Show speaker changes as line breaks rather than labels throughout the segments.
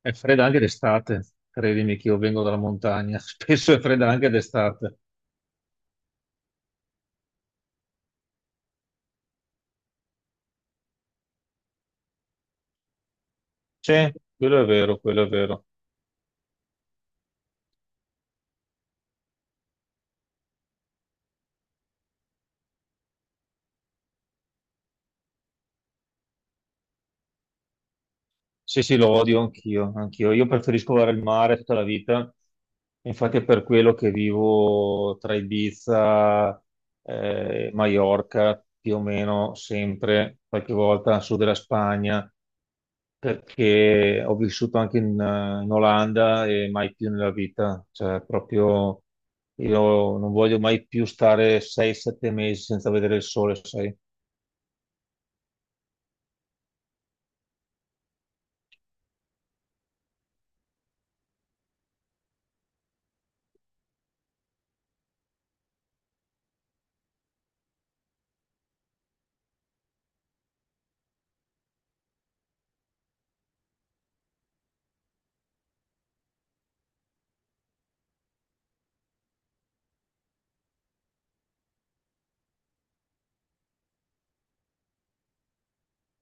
È fredda anche d'estate, credimi che io vengo dalla montagna, spesso è fredda anche d'estate. Sì, quello è vero, quello è vero. Sì, sì, lo odio anch'io, anch'io. Io preferisco guardare il mare tutta la vita, infatti è per quello che vivo tra Ibiza, Maiorca, più o meno sempre, qualche volta al sud della Spagna, perché ho vissuto anche in Olanda e mai più nella vita, cioè proprio io non voglio mai più stare 6-7 mesi senza vedere il sole, sai?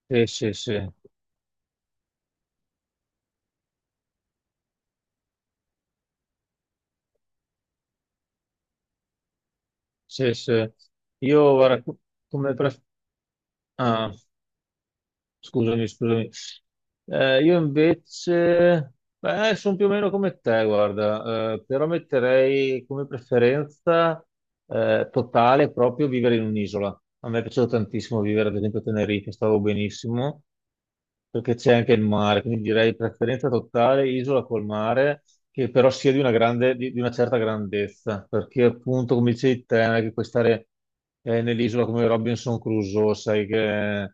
Sì, sì, sì, sì, sì. Io guarda, come, pref- ah, scusami, scusami. Io invece, beh, sono più o meno come te, guarda, però metterei come preferenza totale proprio vivere in un'isola. A me è piaciuto tantissimo vivere, ad esempio, a Tenerife, stavo benissimo perché c'è anche il mare, quindi direi preferenza totale isola col mare, che però sia di una grande, di una certa grandezza, perché appunto, come dicevi te, non è che puoi stare nell'isola come Robinson Crusoe, sai che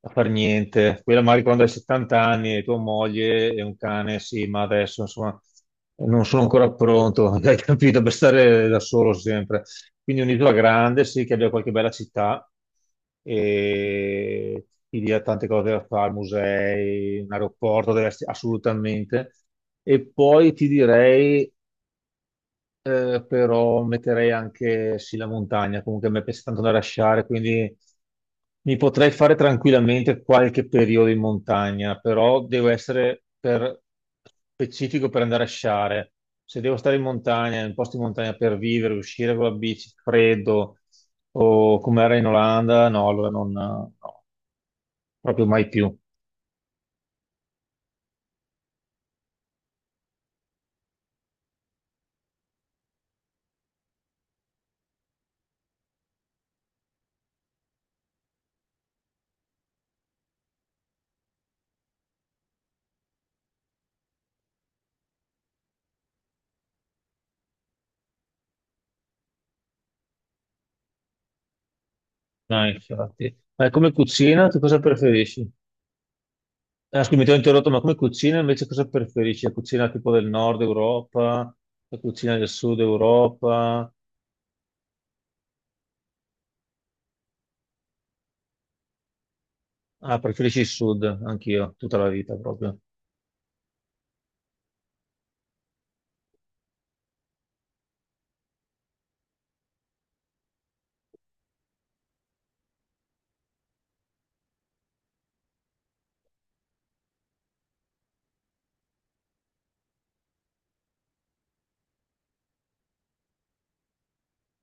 a far niente. Quella magari quando hai 70 anni e tua moglie e un cane, sì, ma adesso insomma non sono ancora pronto, hai capito, per stare da solo sempre. Quindi un'isola grande, sì, che abbia qualche bella città e ti dia tante cose da fare, musei, un aeroporto deve essere assolutamente. E poi ti direi però metterei anche sì la montagna, comunque a me piace tanto andare a sciare, quindi mi potrei fare tranquillamente qualche periodo in montagna, però devo essere specifico per andare a sciare. Se devo stare in montagna, in un posto in montagna per vivere, uscire con la bici, freddo o come era in Olanda, no, allora non, no, proprio mai più. No, infatti. Ma come cucina, tu cosa preferisci? Ah, scusa, mi ti ho interrotto, ma come cucina invece cosa preferisci? La cucina tipo del nord Europa, la cucina del sud Europa? Ah, preferisci il sud, anch'io, tutta la vita proprio.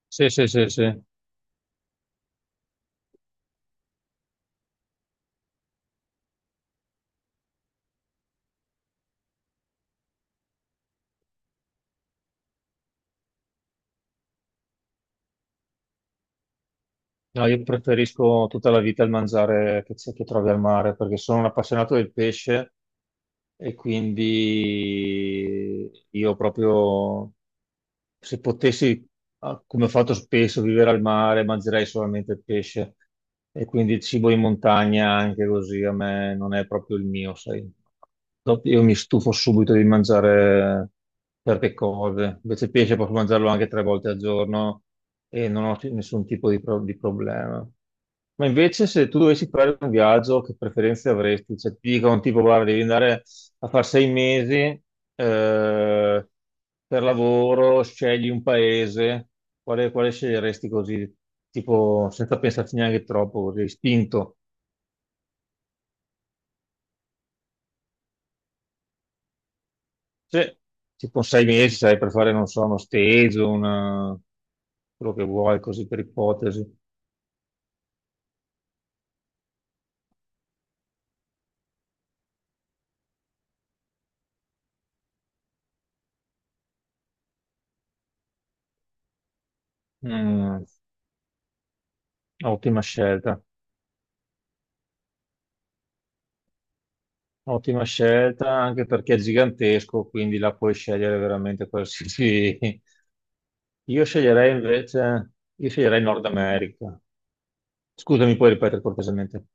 Sì, sì, sì, sì. No, io preferisco tutta la vita il mangiare che trovi al mare perché sono un appassionato del pesce e quindi io proprio se potessi, ah, come ho fatto spesso, vivere al mare, mangerei solamente il pesce, e quindi il cibo in montagna anche così a me non è proprio il mio, sai. Dopo io mi stufo subito di mangiare certe cose, invece il pesce posso mangiarlo anche tre volte al giorno e non ho nessun tipo di problema. Ma invece se tu dovessi fare un viaggio, che preferenze avresti? Cioè ti dicono tipo, guarda, devi andare a fare 6 mesi eh, per lavoro, scegli un paese, quale sceglieresti così, tipo senza pensarci neanche troppo, così, spinto? Sì, tipo 6 mesi, sai, per fare, non so, uno stage, quello che vuoi, così per ipotesi. Mm, ottima scelta, ottima scelta anche perché è gigantesco, quindi la puoi scegliere veramente qualsiasi. Io sceglierei invece, io sceglierei Nord America. Scusami, puoi ripetere cortesemente?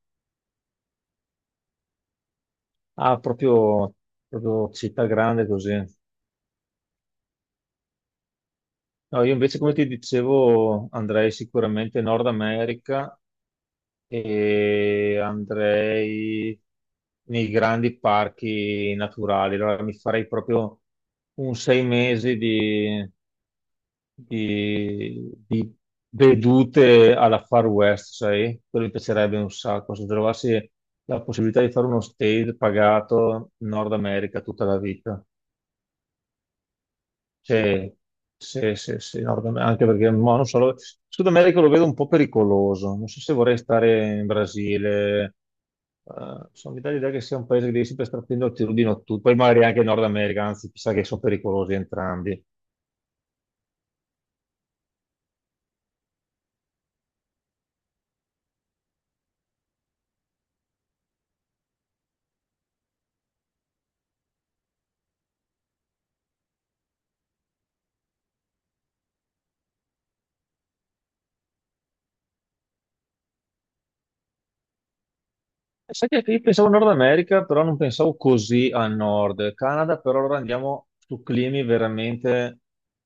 Ah, proprio, proprio città grande così. No, io invece, come ti dicevo, andrei sicuramente in Nord America e andrei nei grandi parchi naturali. Allora mi farei proprio un 6 mesi di vedute alla Far West, sai? Quello mi piacerebbe un sacco. Se trovassi la possibilità di fare uno stage pagato in Nord America tutta la vita. Sì, sì, sì, sì, anche perché mo, non so, Sud America lo vedo un po' pericoloso, non so se vorrei stare in Brasile. Sono Mi dà l'idea che sia un paese che devi sempre stare attento al tiro di notturno, poi magari anche Nord America, anzi chissà, che sono pericolosi entrambi. Sai che io pensavo Nord America, però non pensavo così a nord. Canada, però allora andiamo su climi veramente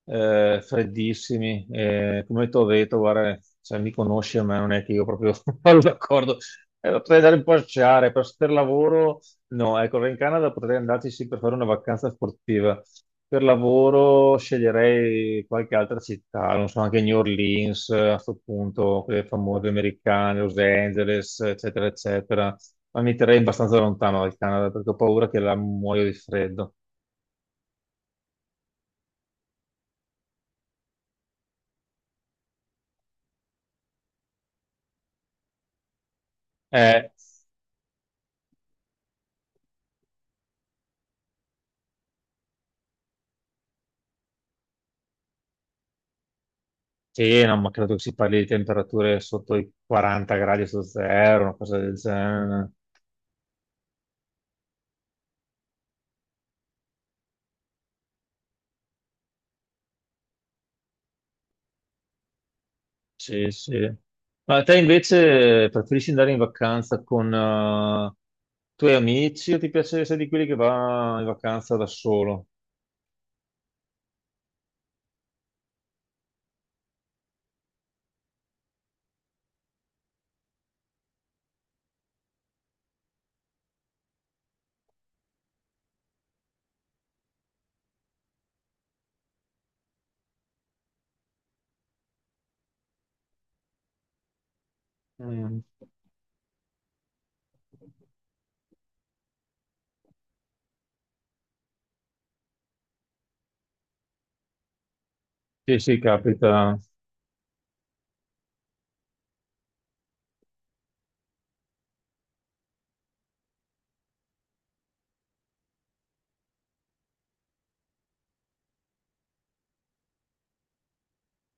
freddissimi. Come ti ho detto, guarda, cioè, mi conosci a me, non è che io proprio parlo d'accordo. Potrei andare un po' a sciare, per lavoro, no. Ecco, allora in Canada potrei andarci sì per fare una vacanza sportiva. Per lavoro sceglierei qualche altra città, non so, anche New Orleans, a questo punto, quelle famose americane, Los Angeles, eccetera, eccetera, ma mi terrei abbastanza lontano dal Canada perché ho paura che la muoio di freddo. Eh, sì, no, ma credo che si parli di temperature sotto i 40 gradi su zero, una cosa del genere. Sì, sì. Ma te invece preferisci andare in vacanza con i tuoi amici o ti piace essere di quelli che va in vacanza da solo? Mm. Sì, sì, capita,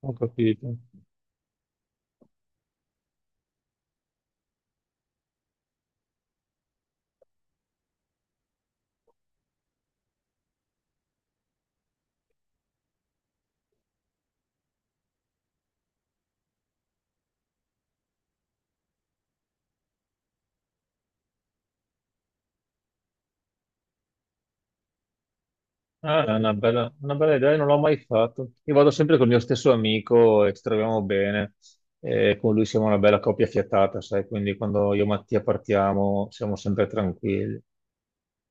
ho capito. Ah, è una bella idea, non l'ho mai fatto. Io vado sempre col mio stesso amico e ci troviamo bene. E con lui siamo una bella coppia fiatata, sai? Quindi quando io e Mattia partiamo siamo sempre tranquilli.